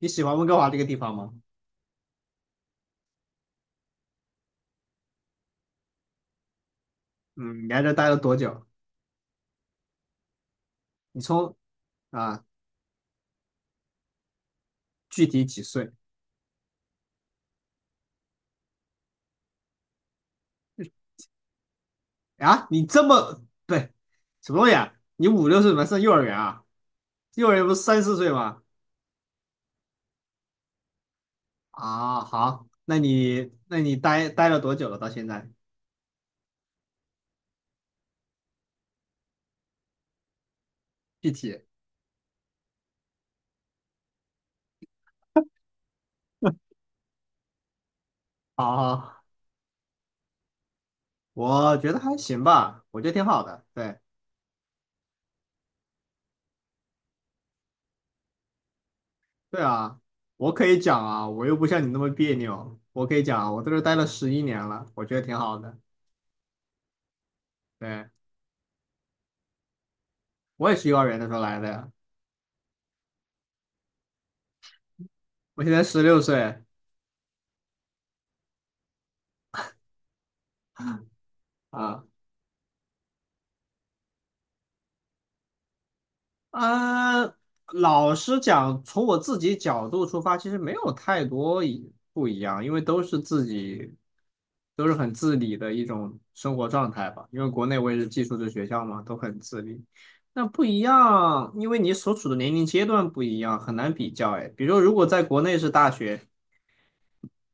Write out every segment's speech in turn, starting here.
你喜欢温哥华这个地方吗？嗯，你在这待了多久？你从啊，具体几岁啊？你这么，对，什么东西啊？你五六岁怎么上幼儿园啊？幼儿园不是三四岁吗？啊，好，那你待了多久了？到现在具体？好好，我觉得还行吧，我觉得挺好的。对对啊，我可以讲啊，我又不像你那么别扭，我可以讲啊，我在这儿待了11年了，我觉得挺好的。对，我也是幼儿园的时候来的呀。我现在16岁啊，呃，老实讲，从我自己角度出发，其实没有太多一不一样，因为都是自己，都是很自理的一种生活状态吧。因为国内我也是寄宿制学校嘛，都很自理。那不一样，因为你所处的年龄阶段不一样，很难比较。哎，比如说，如果在国内是大学，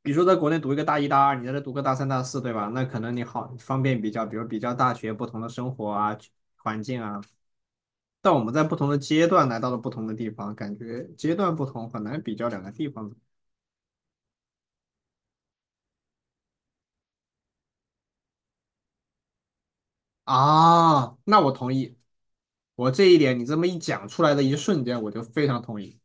比如说在国内读一个大一、大二，你在这读个大三、大四，对吧？那可能你好方便比较，比如比较大学不同的生活啊、环境啊。但我们在不同的阶段来到了不同的地方，感觉阶段不同，很难比较两个地方。啊，那我同意，我这一点你这么一讲出来的一瞬间，我就非常同意。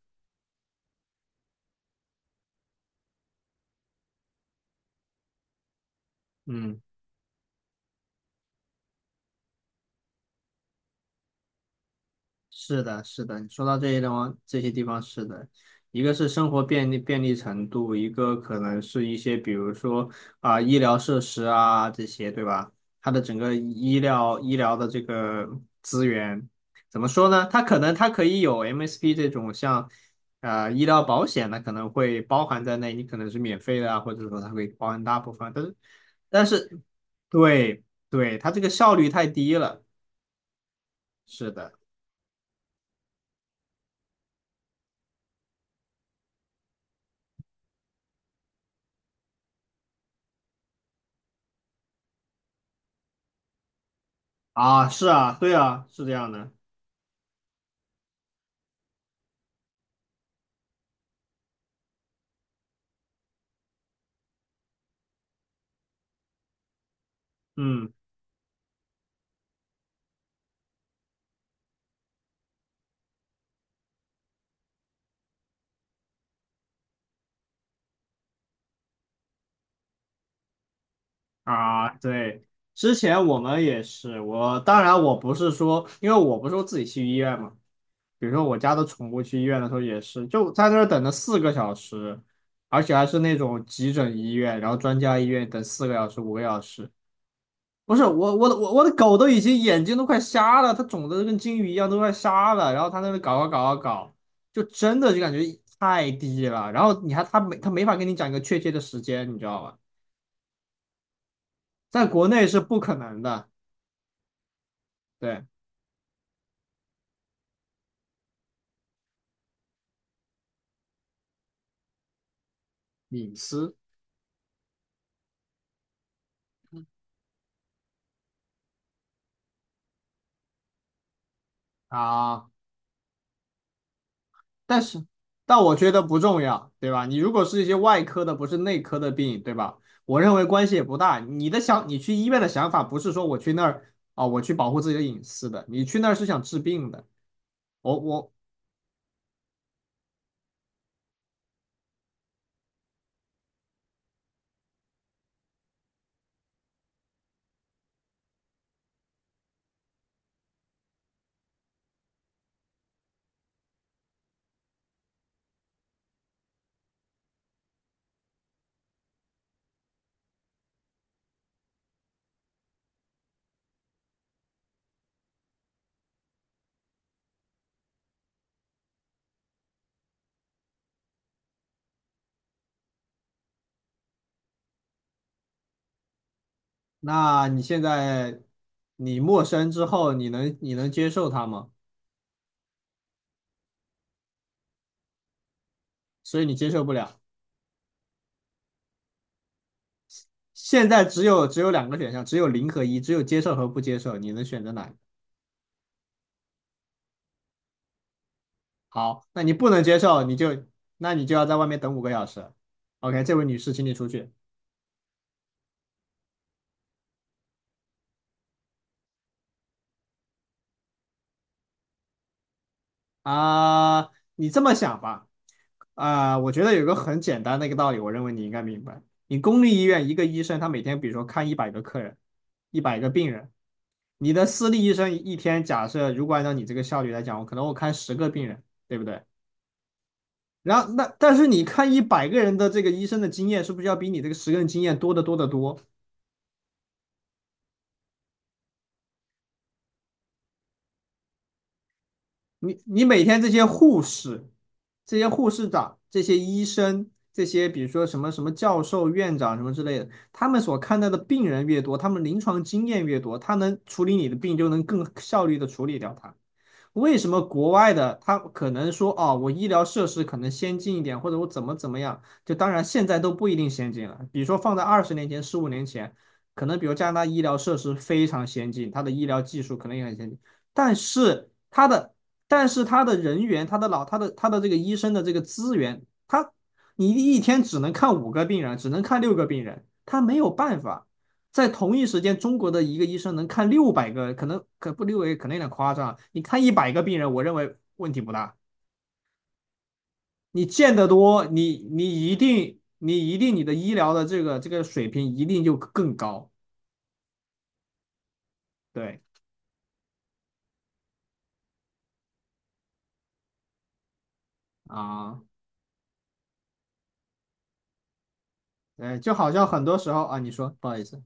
嗯。是的，是的，你说到这些地方，是的，一个是生活便利程度，一个可能是一些比如说啊、医疗设施啊这些，对吧？它的整个医疗的这个资源怎么说呢？它可以有 MSP 这种像医疗保险呢，可能会包含在内，你可能是免费的啊，或者说它会包含大部分，但是但是对对，它这个效率太低了，是的。啊，是啊，对啊，是这样的，嗯啊，对，之前我们也是，我当然我不是说，因为我不是说自己去医院嘛，比如说我家的宠物去医院的时候也是，就在那儿等了四个小时，而且还是那种急诊医院，然后专家医院等四个小时、五个小时，不是我，我的狗都已经眼睛都快瞎了，它肿的跟金鱼一样，都快瞎了。然后它在那搞搞搞搞搞，就真的就感觉太低了。然后你还它没法跟你讲一个确切的时间，你知道吧？在国内是不可能的，对，隐私啊。但是，但我觉得不重要，对吧？你如果是一些外科的，不是内科的病，对吧？我认为关系也不大。你去医院的想法不是说我去那儿啊、我去保护自己的隐私的，你去那儿是想治病的。我我那你现在你陌生之后，你能接受它吗？所以你接受不了。现在只有两个选项，只有零和一，只有接受和不接受，你能选择哪个好，那你不能接受，那你就要在外面等五个小时。OK，这位女士，请你出去。啊，你这么想吧，啊、我觉得有个很简单的一个道理，我认为你应该明白。你公立医院一个医生，他每天比如说看100个客人，一百个病人，你的私立医生一天，假设如果按照你这个效率来讲，我可能我看10个病人，对不对？然后那但是你看100个人的这个医生的经验，是不是要比你这个10个人经验多得多得多？你每天这些护士、这些护士长、这些医生、这些比如说什么什么教授、院长什么之类的，他们所看到的病人越多，他们临床经验越多，他能处理你的病就能更效率的处理掉它。为什么国外的他可能说哦，我医疗设施可能先进一点，或者我怎么怎么样？就当然现在都不一定先进了。比如说放在20年前、15年前，可能比如加拿大医疗设施非常先进，它的医疗技术可能也很先进，但是它的但是它的人员、它的这个医生的这个资源，你一天只能看5个病人，只能看6个病人，他没有办法。在同一时间，中国的一个医生能看600个，可能可不六百可能有点夸张，你看一百个病人，我认为问题不大。你见得多，你一定你的医疗的这个水平一定就更高。对啊，哎，就好像很多时候啊，你说不好意思，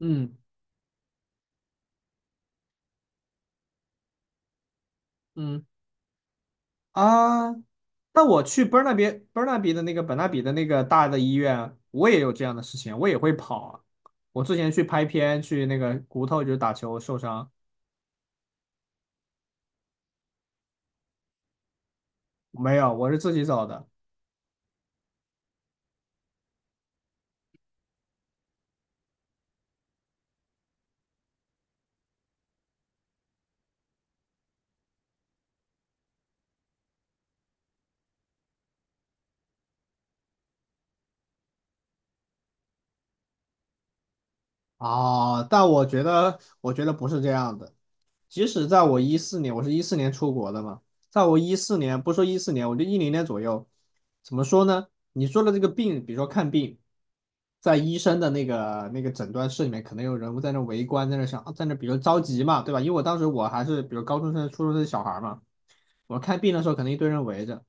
嗯嗯啊，那我去伯纳比的那个本纳比的那个大的医院，我也有这样的事情，我也会跑啊。我之前去拍片，去那个骨头就是打球受伤，没有，我是自己找的。哦，但我觉得不是这样的。即使在我一四年，我是一四年出国的嘛，在我一四年，不说一四年，我就10年左右，怎么说呢？你说的这个病，比如说看病，在医生的那个诊断室里面，可能有人在那围观，在那想，啊在那比如着急嘛，对吧？因为我当时还是比如高中生、初中生小孩嘛，我看病的时候，可能一堆人围着。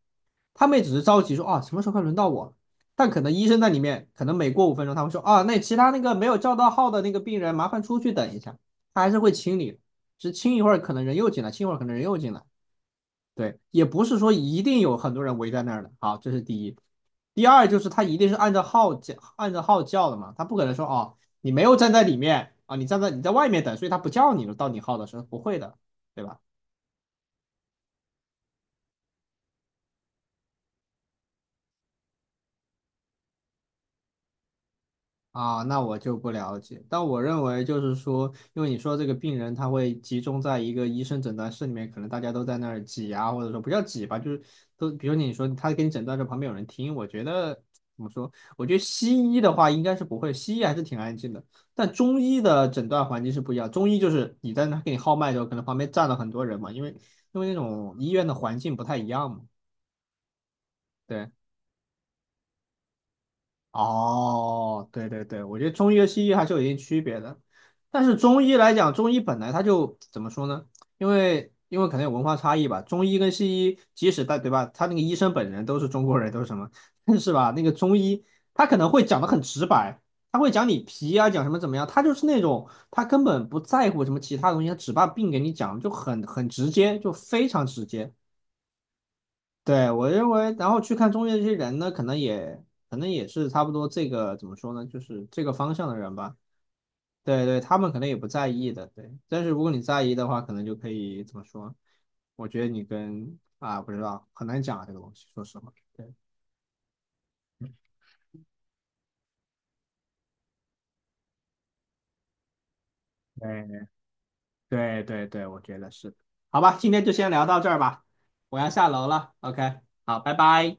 他们也只是着急说啊，什么时候快轮到我。但可能医生在里面，可能每过5分钟，他会说啊，那其他那个没有叫到号的那个病人，麻烦出去等一下，他还是会清理只清一会儿，可能人又进来，清一会儿可能人又进来。对，也不是说一定有很多人围在那儿的。好，这是第一。第二就是他一定是按照号叫，按照号叫的嘛，他不可能说哦，你没有站在里面啊，你在外面等，所以他不叫你了，到你号的时候不会的，对吧？啊，那我就不了解。但我认为就是说，因为你说这个病人他会集中在一个医生诊断室里面，可能大家都在那儿挤啊，或者说不叫挤吧，就是都，比如你说他给你诊断的时候旁边有人听，我觉得怎么说？我觉得西医的话应该是不会，西医还是挺安静的。但中医的诊断环境是不一样，中医就是你在那给你号脉的时候，可能旁边站了很多人嘛，因为那种医院的环境不太一样嘛。对。哦，对对对，我觉得中医和西医还是有一定区别的。但是中医来讲，中医本来它就怎么说呢？因为可能有文化差异吧，中医跟西医，即使在对吧，他那个医生本人都是中国人，都是什么，但是吧，那个中医他可能会讲的很直白，他会讲你皮啊，讲什么怎么样，他就是那种他根本不在乎什么其他东西，他只把病给你讲，就很直接，就非常直接。对，我认为，然后去看中介这些人呢，可能也是差不多这个怎么说呢，就是这个方向的人吧。对对，他们可能也不在意的，对。但是如果你在意的话，可能就可以怎么说？我觉得你跟啊，不知道，很难讲啊，这个东西，说实话。对对对对对，我觉得是的。好吧，今天就先聊到这儿吧，我要下楼了。OK，好，拜拜。